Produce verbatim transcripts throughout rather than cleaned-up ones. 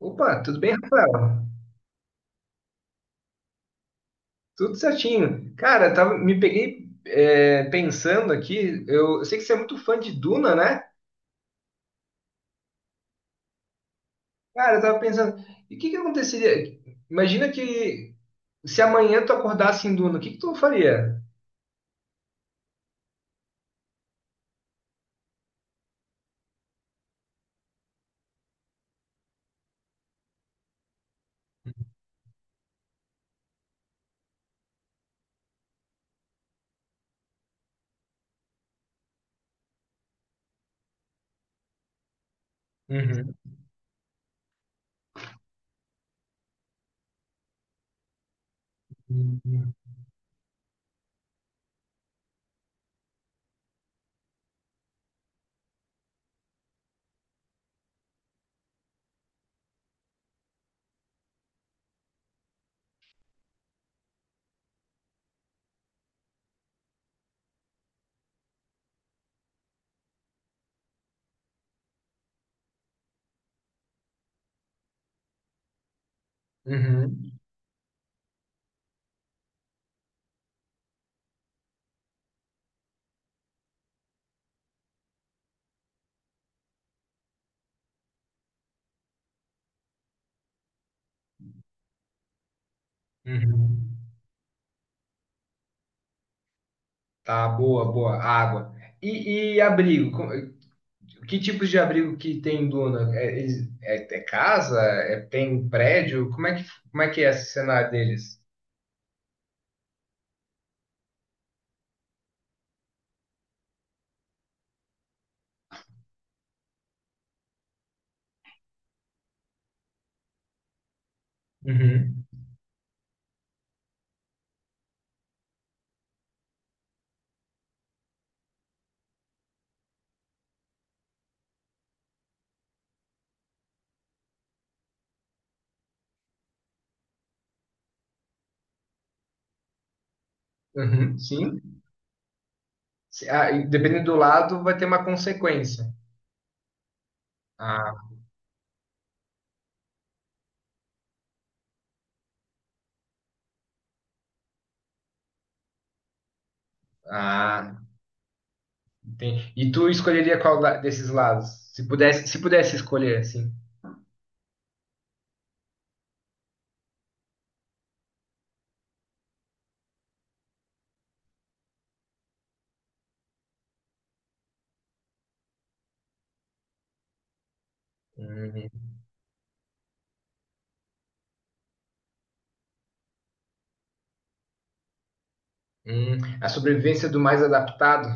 Opa, tudo bem, Rafael? Tudo certinho. Cara, tava, me peguei é, pensando aqui, eu, eu sei que você é muito fã de Duna, né? Cara, eu tava pensando, e o que que aconteceria? Imagina que se amanhã tu acordasse em Duna, o que que tu faria? Uhum. Uhum. Uhum. Tá, boa, boa. Água. E, e abrigo? Com- Que tipos de abrigo que tem em Duna? É, eles- é- é casa? É- tem prédio? Como é que, como é que é esse cenário deles? Uhum, uhum, sim. Se- ah, e dependendo do lado, vai ter uma consequência. Ah, ah, entendi. E tu escolheria qual da- desses lados? Se pudesse, se pudesse escolher, assim. Uhum, uhum. A sobrevivência do mais adaptado.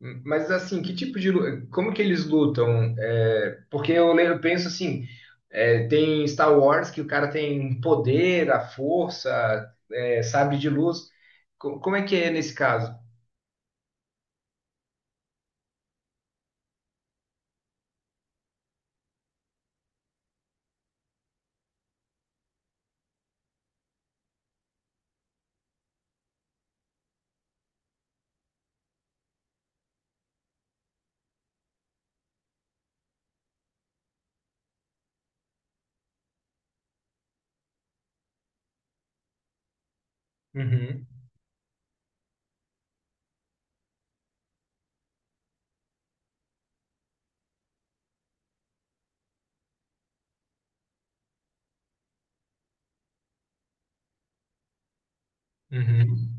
Hum, Mas assim, que tipo de, lu- como que eles lutam? É, porque eu, le- eu penso assim, é, tem Star Wars que o cara tem poder, a força, é, sabre de luz. Co- Como é que é nesse caso? Uhum, uhum.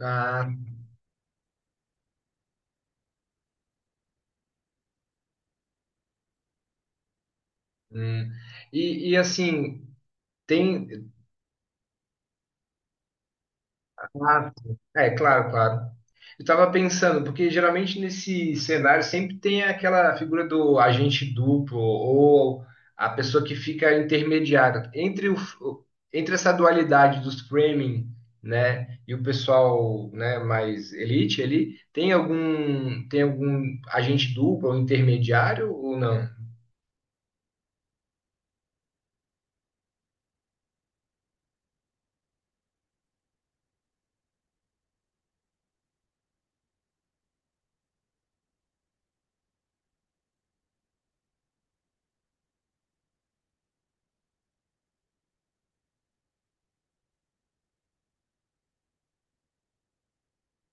Ah. Hum. E, e assim, tem. Ah, é, claro, claro. Eu tava pensando, porque geralmente nesse cenário sempre tem aquela figura do agente duplo ou a pessoa que fica intermediária entre o, entre essa dualidade dos framing, né, e o pessoal, né, mais elite ali, tem algum tem algum agente duplo ou intermediário ou não?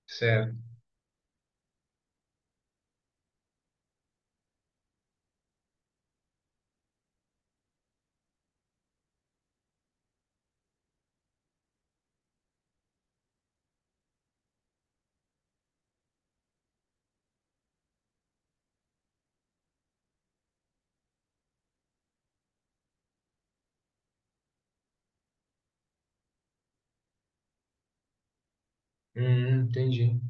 Certo. Hum, entendi.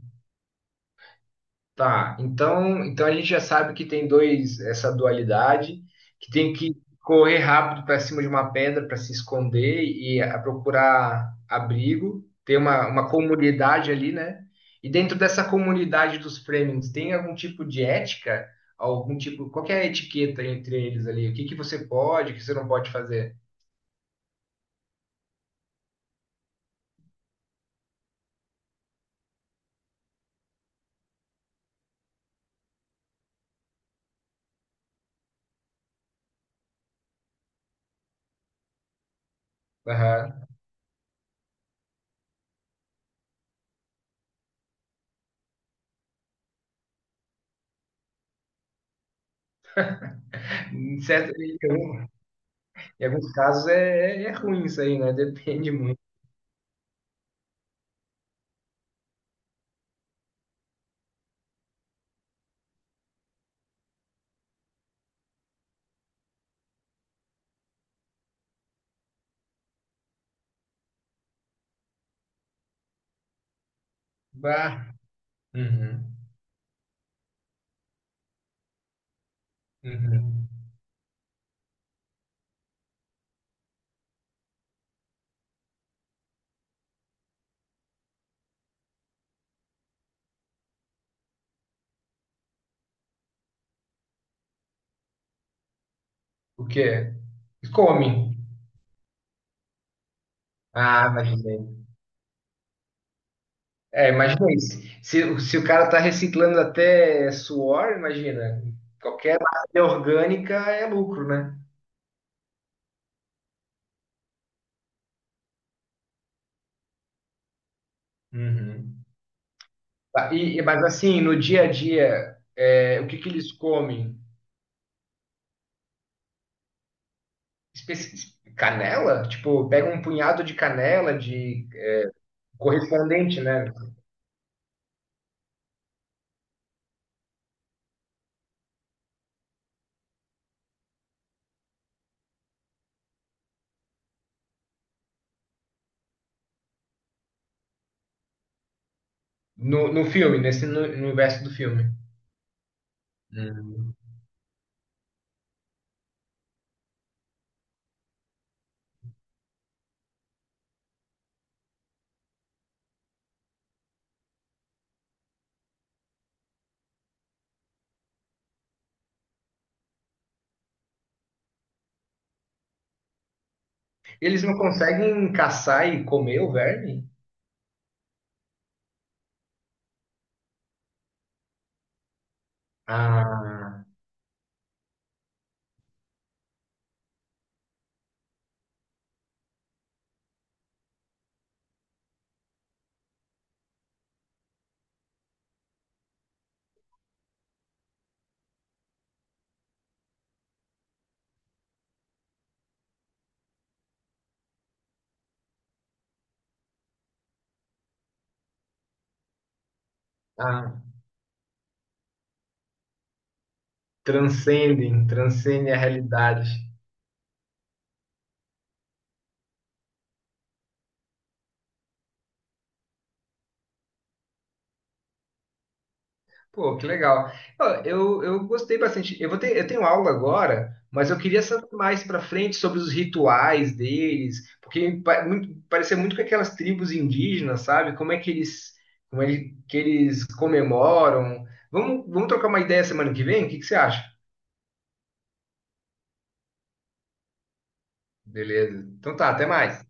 Tá, então, então a gente já sabe que tem dois, essa dualidade, que tem que correr rápido para cima de uma pedra para se esconder e a- procurar abrigo. Tem uma, uma comunidade ali, né? E dentro dessa comunidade dos Fremen, tem algum tipo de ética? Algum tipo, qual que é a etiqueta entre eles ali? O que que você pode, o que você não pode fazer? Aham. Em certo, em alguns casos é, é é ruim isso aí, né? Depende muito. Bah. Uhum. Uhum. O quê? Come. Ah, imaginei. É, imagina isso. Se, se o cara tá reciclando até suor, imagina. Qualquer matéria orgânica é lucro, né? Uhum. Tá, E, e- mas assim, no dia a dia, é, o que que eles comem? Espe- Canela? Tipo, pega um punhado de canela, de correspondente, né? No, no filme, nesse no, no universo do filme. Hum. Eles não conseguem caçar e comer o verme? Ah, ah. Transcendem, transcendem a realidade. Pô, que legal. Ó, Eu, eu gostei bastante. Eu vou ter, eu tenho aula agora, mas eu queria saber mais para frente sobre os rituais deles, porque pa- muito, parecia muito com aquelas tribos indígenas, sabe? Como é que eles, como é que eles comemoram. Vamos, vamos trocar uma ideia semana que vem? O que que você acha? Beleza. Então tá, até mais.